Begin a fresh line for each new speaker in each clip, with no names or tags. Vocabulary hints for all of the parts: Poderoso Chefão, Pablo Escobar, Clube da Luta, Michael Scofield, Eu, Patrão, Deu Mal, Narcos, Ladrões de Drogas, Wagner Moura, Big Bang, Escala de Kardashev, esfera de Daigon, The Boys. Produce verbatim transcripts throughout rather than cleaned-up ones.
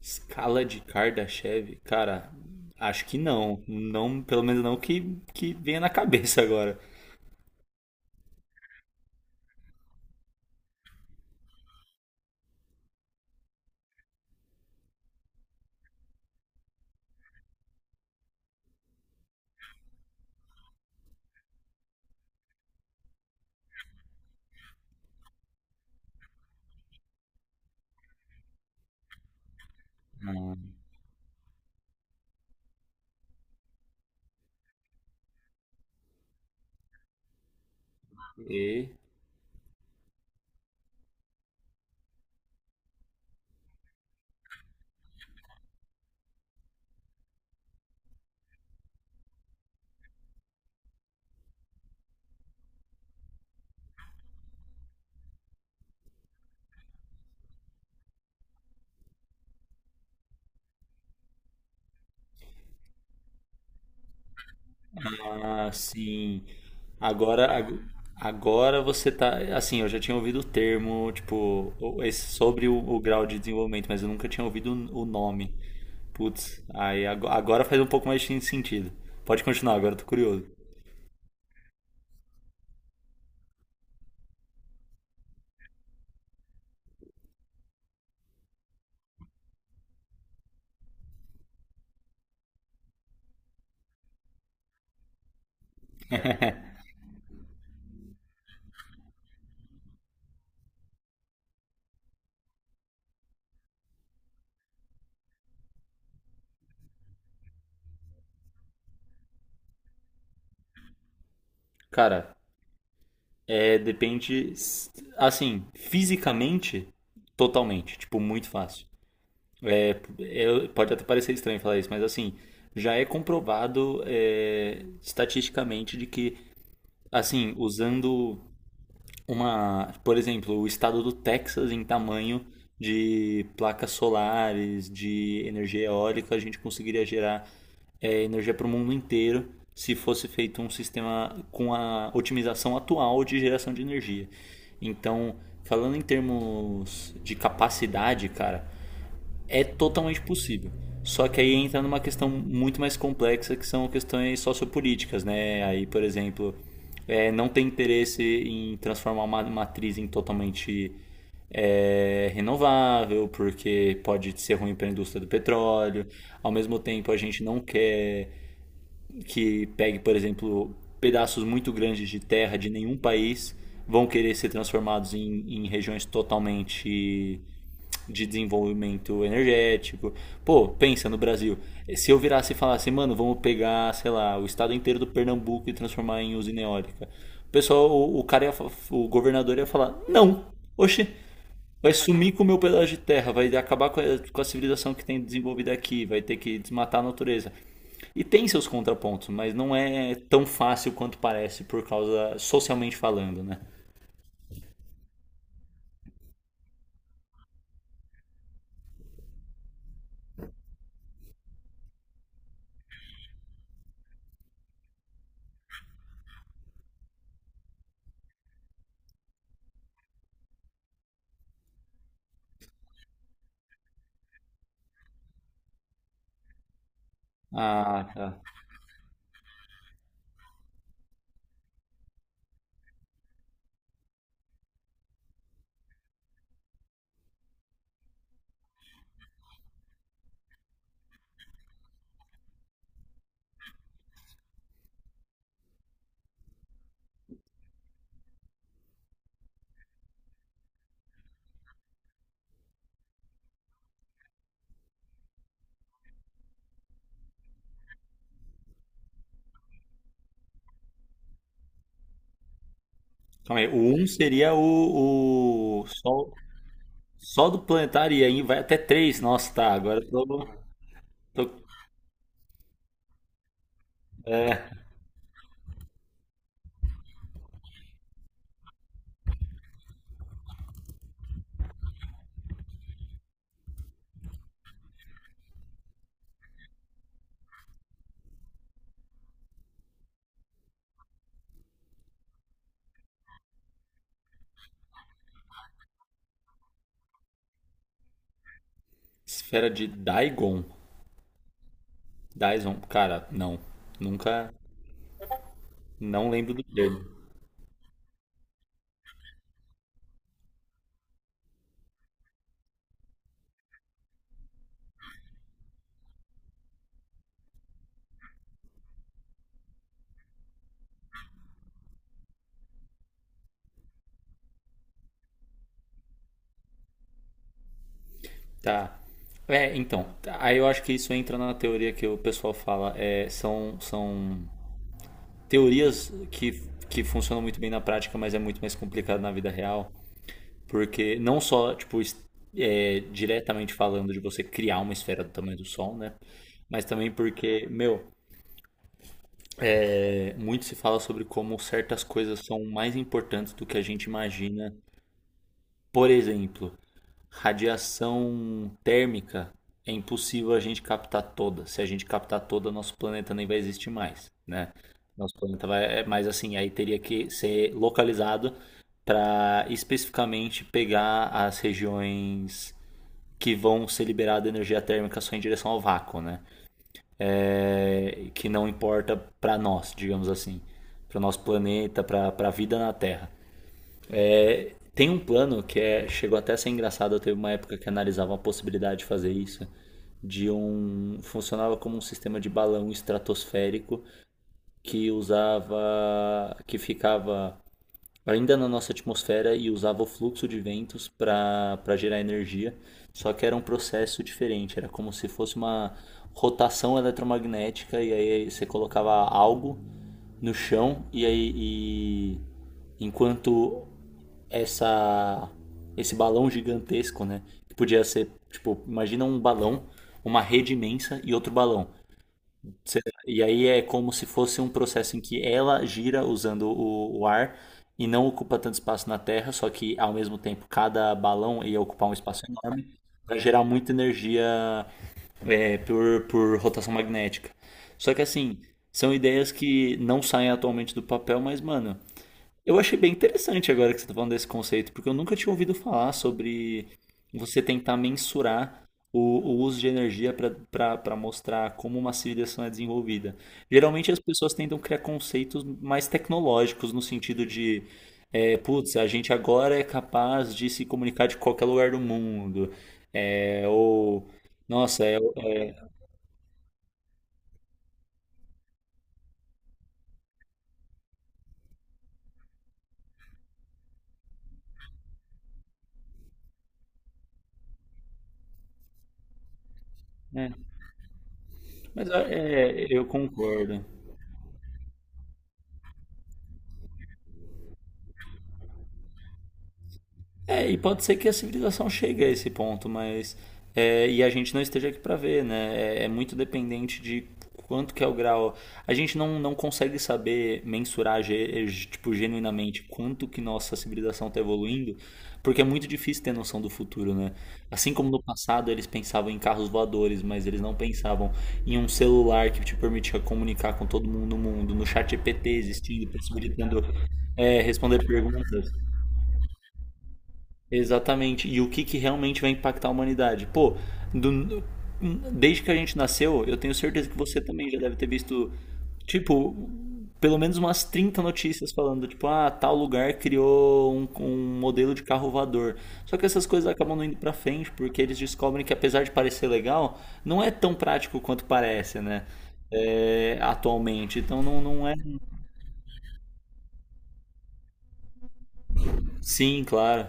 Escala de Kardashev? Cara, acho que não. Não, pelo menos não que, que venha na cabeça agora. Ah, e, ah, sim. Agora, ag- agora você tá. Assim, eu já tinha ouvido o termo, tipo, o- esse- sobre o, o grau de desenvolvimento, mas eu nunca tinha ouvido o, o nome. Putz, aí ago- agora faz um pouco mais de sentido. Pode continuar, agora eu tô curioso. Cara, É, depende, assim, fisicamente, totalmente. Tipo, muito fácil. É, é, pode até parecer estranho falar isso, mas assim, já é comprovado é, estatisticamente de que, assim, usando uma, por exemplo, o estado do Texas em tamanho de placas solares, de energia eólica, a gente conseguiria gerar é, energia para o mundo inteiro se fosse feito um sistema com a otimização atual de geração de energia. Então, falando em termos de capacidade, cara, é totalmente possível. Só que aí entra numa questão muito mais complexa que são questões sociopolíticas, né? Aí, por exemplo, é, não tem interesse em transformar uma matriz em totalmente é, renovável, porque pode ser ruim para a indústria do petróleo. Ao mesmo tempo, a gente não quer que pegue, por exemplo, pedaços muito grandes de terra de nenhum país vão querer ser transformados em, em regiões totalmente de desenvolvimento energético. Pô, pensa no Brasil. Se eu virasse e falasse, mano, vamos pegar, sei lá, o estado inteiro do Pernambuco e transformar em usina eólica. O pessoal, o, o cara, ia, o governador ia falar, não, oxe, vai sumir com o meu pedaço de terra, vai acabar com a, com a civilização que tem desenvolvida aqui, vai ter que desmatar a natureza. E tem seus contrapontos, mas não é tão fácil quanto parece, por causa, socialmente falando, né? Ah, tá. Calma aí. O um seria o, o só, só do planetário, e aí vai até três. Nossa, tá. Agora eu tô, tô- é, Esfera de Daigon. Daison. Cara, não. Nunca. Não lembro do termo. Tá. É, então, aí eu acho que isso entra na teoria que o pessoal fala. É, são, são teorias que, que funcionam muito bem na prática, mas é muito mais complicado na vida real. Porque não só, tipo, es- é, diretamente falando de você criar uma esfera do tamanho do Sol, né? Mas também porque, meu, é, muito se fala sobre como certas coisas são mais importantes do que a gente imagina. Por exemplo, radiação térmica é impossível a gente captar toda. Se a gente captar toda, nosso planeta nem vai existir mais, né? Nosso planeta vai, é, mas assim, aí teria que ser localizado para especificamente pegar as regiões que vão ser liberadas energia térmica só em direção ao vácuo, né? É, que não importa para nós, digamos assim, para o nosso planeta, para a vida na Terra. Tem um plano que é, chegou até a ser engraçado, eu teve uma época que analisava a possibilidade de fazer isso, de um funcionava como um sistema de balão estratosférico que usava que ficava ainda na nossa atmosfera e usava o fluxo de ventos para gerar energia, só que era um processo diferente, era como se fosse uma rotação eletromagnética e aí você colocava algo no chão e aí e enquanto essa esse balão gigantesco, né, que podia ser, tipo, imagina um balão, uma rede imensa e outro balão. Você- E aí é como se fosse um processo em que ela gira usando o, o ar e não ocupa tanto espaço na Terra, só que ao mesmo tempo cada balão ia ocupar um espaço enorme para gerar muita energia é, por, por rotação magnética. Só que assim, são ideias que não saem atualmente do papel, mas mano, eu achei bem interessante agora que você está falando desse conceito, porque eu nunca tinha ouvido falar sobre você tentar mensurar o, o uso de energia para mostrar como uma civilização é desenvolvida. Geralmente as pessoas tentam criar conceitos mais tecnológicos, no sentido de, é, putz, a gente agora é capaz de se comunicar de qualquer lugar do mundo. É, ou, nossa, é, é, é, mas é, é, eu concordo. É, e pode ser que a civilização chegue a esse ponto, mas é, e a gente não esteja aqui para ver, né? É, é muito dependente de quanto que é o grau. A gente não, não consegue saber mensurar ge- ge- tipo genuinamente quanto que nossa civilização está evoluindo, porque é muito difícil ter noção do futuro, né? Assim como no passado eles pensavam em carros voadores, mas eles não pensavam em um celular que te permitia comunicar com todo mundo no mundo, no chat E P T existindo, possibilitando é, responder perguntas. Exatamente. E o que, que realmente vai impactar a humanidade? Pô, do- desde que a gente nasceu, eu tenho certeza que você também já deve ter visto, tipo, pelo menos umas trinta notícias falando, tipo, ah, tal lugar criou um, um modelo de carro voador. Só que essas coisas acabam não indo pra frente, porque eles descobrem que apesar de parecer legal, não é tão prático quanto parece, né? É, atualmente. Então não, não é. Sim, claro.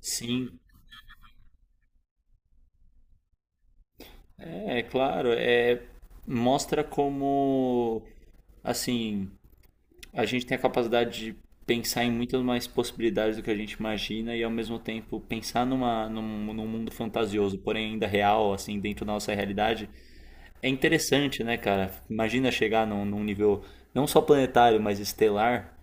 Sim. É, claro, é, mostra como, assim, a gente tem a capacidade de pensar em muitas mais possibilidades do que a gente imagina e ao mesmo tempo pensar numa, num, num mundo fantasioso, porém ainda real, assim, dentro da nossa realidade. É interessante, né, cara? Imagina chegar num, num nível não só planetário, mas estelar.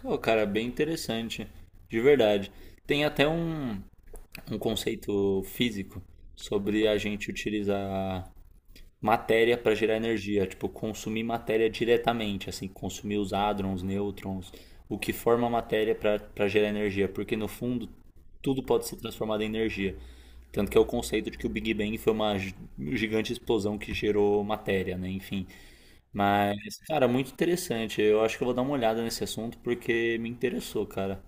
Pô, cara, bem interessante, de verdade. Tem até um, um conceito físico sobre a gente utilizar matéria para gerar energia, tipo, consumir matéria diretamente, assim, consumir os hádrons, nêutrons, o que forma a matéria para gerar energia, porque no fundo tudo pode ser transformado em energia. Tanto que é o conceito de que o Big Bang foi uma gi- gigante explosão que gerou matéria, né? Enfim. Mas, cara, muito interessante. Eu acho que eu vou dar uma olhada nesse assunto porque me interessou, cara.